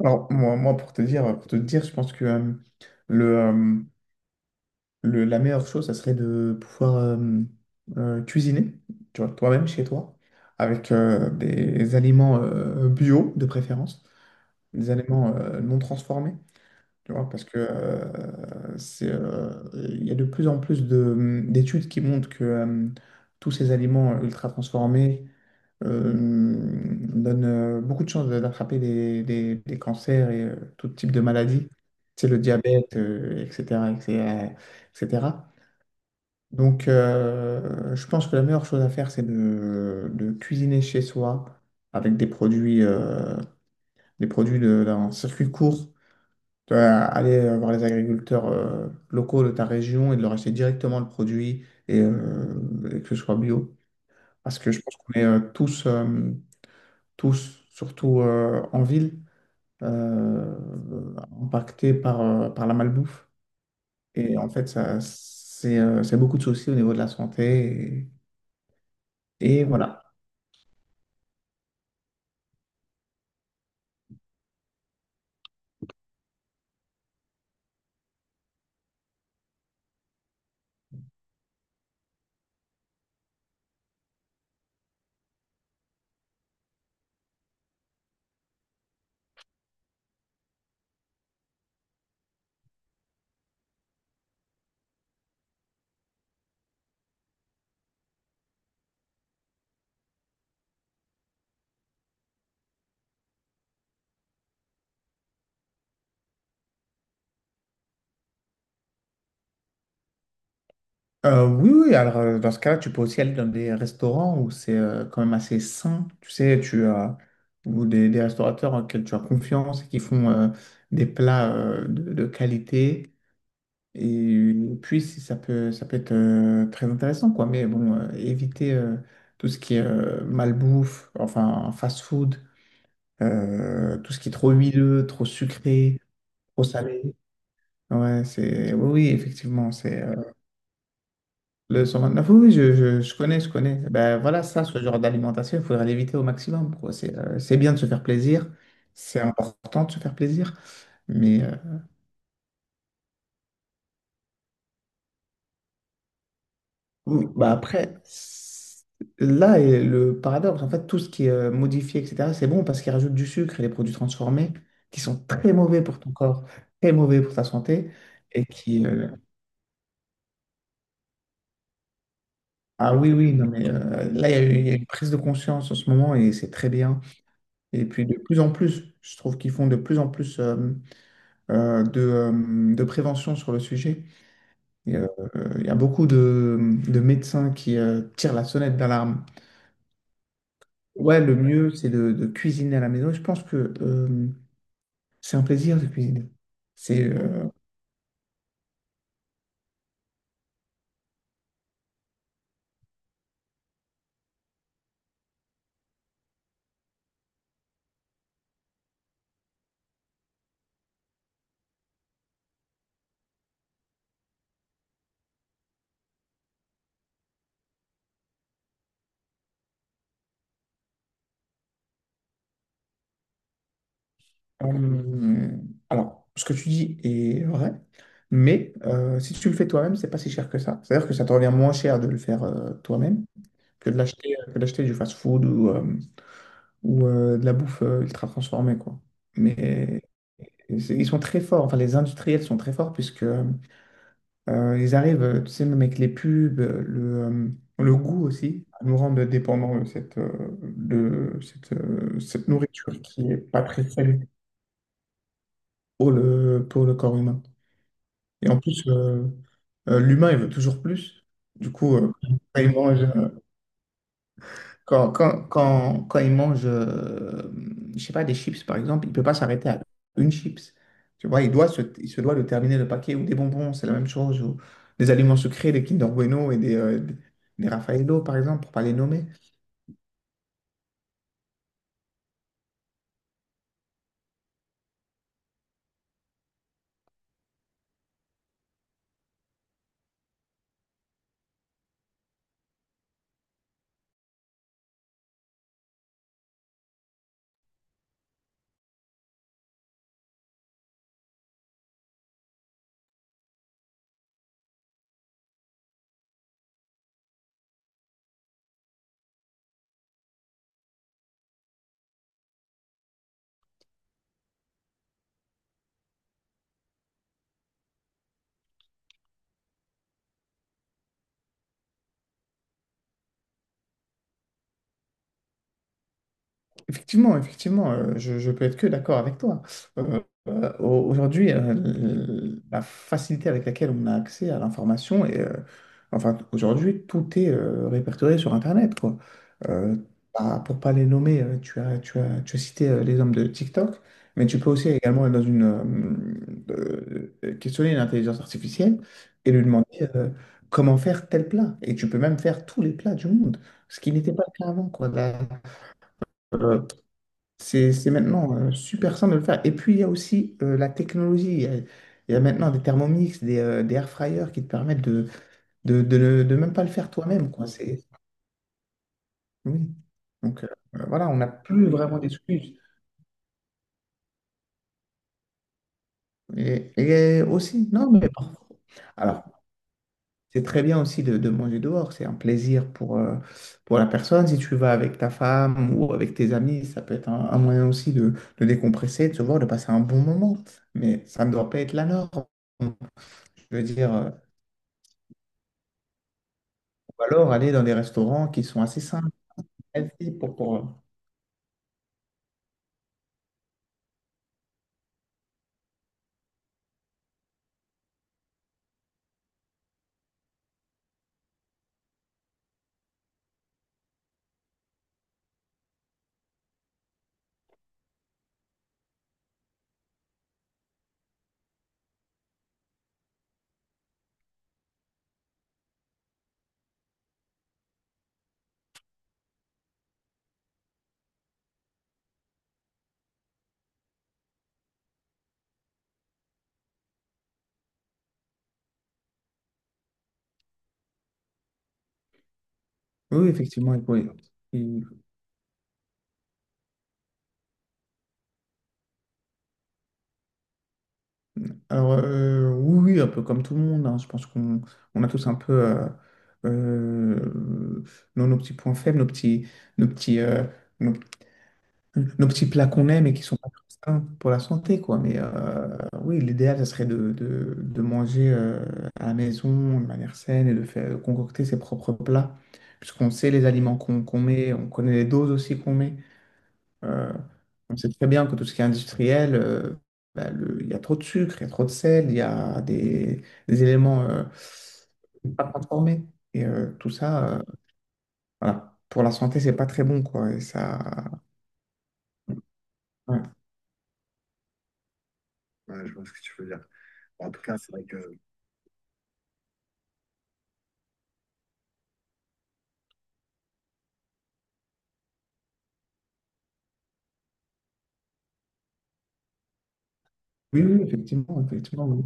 Alors, pour te dire, je pense que le, euh, la meilleure chose, ça serait de pouvoir cuisiner, tu vois, toi-même chez toi, avec des aliments bio de préférence, des aliments non transformés, tu vois, parce que il y a de plus en plus d'études qui montrent que tous ces aliments ultra transformés, euh, donne beaucoup de chances d'attraper des cancers et tout type de maladies, c'est le diabète, etc., etc., etc. Donc, je pense que la meilleure chose à faire, c'est de cuisiner chez soi avec des produits, d'un circuit court. Tu vas aller voir les agriculteurs locaux de ta région et de leur acheter directement le produit et que ce soit bio. Parce que je pense qu'on est tous, surtout en ville, euh, impactés par la malbouffe. Et en fait, ça, c'est beaucoup de soucis au niveau de la santé. Et voilà. Oui, oui, alors dans ce cas-là, tu peux aussi aller dans des restaurants où c'est quand même assez sain, tu sais, tu as ou des restaurateurs auxquels tu as confiance et qui font des plats de qualité. Et puis, si ça peut être très intéressant, quoi. Mais bon, éviter tout ce qui est malbouffe, enfin fast-food, tout ce qui est trop huileux, trop sucré, trop salé. Ouais, c'est... Oui, oui, effectivement, le 129, oui, oui, je connais, je connais. Ben voilà, ça, ce genre d'alimentation, il faudrait l'éviter au maximum, quoi. C'est bien de se faire plaisir, c'est important de se faire plaisir, mais... Mm, bah après, là est le paradoxe. En fait, tout ce qui est modifié, etc., c'est bon parce qu'ils rajoutent du sucre et des produits transformés qui sont très mauvais pour ton corps, très mauvais pour ta santé. Et qui. Ah oui, oui, non, mais là, il y a une prise de conscience en ce moment et c'est très bien. Et puis, de plus en plus, je trouve qu'ils font de plus en plus de prévention sur le sujet. Et, euh, Il y a beaucoup de médecins qui tirent la sonnette d'alarme. Ouais, le mieux, c'est de cuisiner à la maison. Je pense que c'est un plaisir de cuisiner. C'est euh, alors, ce que tu dis est vrai, mais si tu le fais toi-même, c'est pas si cher que ça. C'est-à-dire que ça te revient moins cher de le faire toi-même que de l'acheter que d'acheter du fast-food ou de la bouffe ultra transformée, quoi. Mais ils sont très forts. Enfin, les industriels sont très forts puisque ils arrivent, tu sais, même avec les pubs, le goût aussi, à nous rendre dépendants de cette, cette nourriture qui n'est pas très saine pour pour le corps humain. Et en plus, l'humain, il veut toujours plus. Du coup, quand il mange, quand il mange, je sais pas, des chips par exemple, il peut pas s'arrêter à une chips. Tu vois, il se doit de terminer le paquet ou des bonbons, c'est la même chose, ou des aliments sucrés, des Kinder Bueno et des Raffaello par exemple, pour pas les nommer. Effectivement, effectivement, je peux être que d'accord avec toi. Euh, Aujourd'hui, la facilité avec laquelle on a accès à l'information, enfin, aujourd'hui, tout est répertorié sur Internet, quoi. Euh, Bah, pour pas les nommer, tu as cité les hommes de TikTok, mais tu peux aussi également être dans une, questionner une intelligence artificielle et lui demander euh, comment faire tel plat. Et tu peux même faire tous les plats du monde, ce qui n'était pas le cas avant, quoi. Là, c'est maintenant super simple de le faire. Et puis, il y a aussi la technologie. Il y a maintenant des Thermomix, des air fryers qui te permettent de même pas le faire toi-même, quoi. C'est, oui. Donc, voilà, on n'a plus vraiment d'excuses. Et aussi, non, mais parfois. Alors, c'est très bien aussi de manger dehors. C'est un plaisir pour la personne. Si tu vas avec ta femme ou avec tes amis, ça peut être un moyen aussi de décompresser, de se voir, de passer un bon moment. Mais ça ne doit pas être la norme. Je veux dire, ou alors aller dans des restaurants qui sont assez simples, healthy Oui, oui, effectivement, il- Alors, oui, oui, un peu comme tout le monde, hein, je pense qu'on on a tous un peu euh, euh, nos petits points faibles, nos petits, euh, nos nos petits plats qu'on aime et qui sont pas très sains pour la santé, quoi. Mais oui, l'idéal, ça serait de manger à la maison de manière saine et de concocter ses propres plats, puisqu'on sait les aliments qu'on met, on connaît les doses aussi qu'on met. Euh, on sait très bien que tout ce qui est industriel, bah, il y a trop de sucre, il y a trop de sel, il y a des éléments pas transformés. Et tout ça, voilà, pour la santé, c'est pas très bon, quoi. Et ça. Ouais. Oui, oui, effectivement, effectivement. Oui.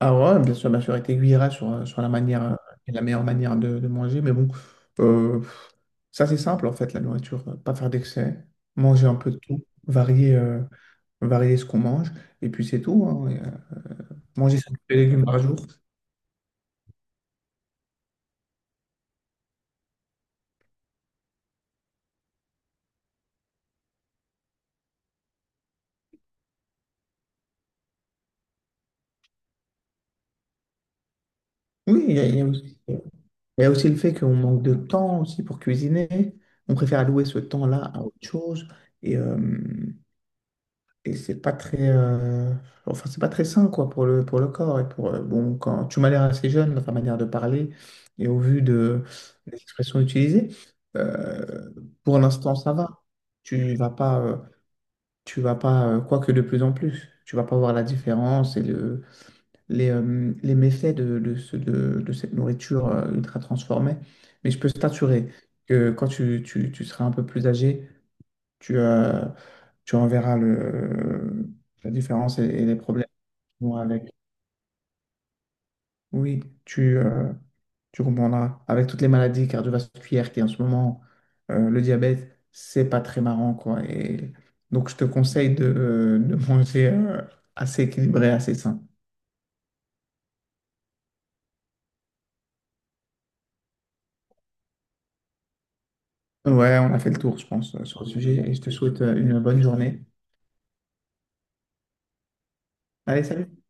Alors, ouais, bien sûr, il t'aiguillera sur la manière et la meilleure manière de manger, mais bon, euh, ça c'est simple en fait, la nourriture, pas faire d'excès, manger un peu de tout, varier ce qu'on mange, et puis c'est tout, hein, manger 5 légumes par jour. Oui, il y a aussi le fait qu'on manque de temps aussi pour cuisiner, on préfère allouer ce temps-là à autre chose, et, euh, Et c'est pas très, enfin, c'est pas très sain, quoi, pour pour le corps. Et pour, bon, quand tu m'as l'air assez jeune dans ta manière de parler et au vu des expressions utilisées, euh, pour l'instant, ça va. Tu vas pas, euh, Tu vas pas, quoique de plus en plus, tu vas pas voir la différence et les méfaits de cette nourriture ultra transformée. Mais je peux t'assurer que quand tu seras un peu plus âgé, tu enverras la différence et les problèmes qu'ils ont avec. Oui, tu, euh, tu comprendras. Avec toutes les maladies cardiovasculaires qui en ce moment, le diabète, c'est pas très marrant, quoi. Et donc, je te conseille de manger assez équilibré, assez sain. Ouais, on a fait le tour, je pense, sur le sujet. Et je te souhaite une bonne journée. Allez, salut!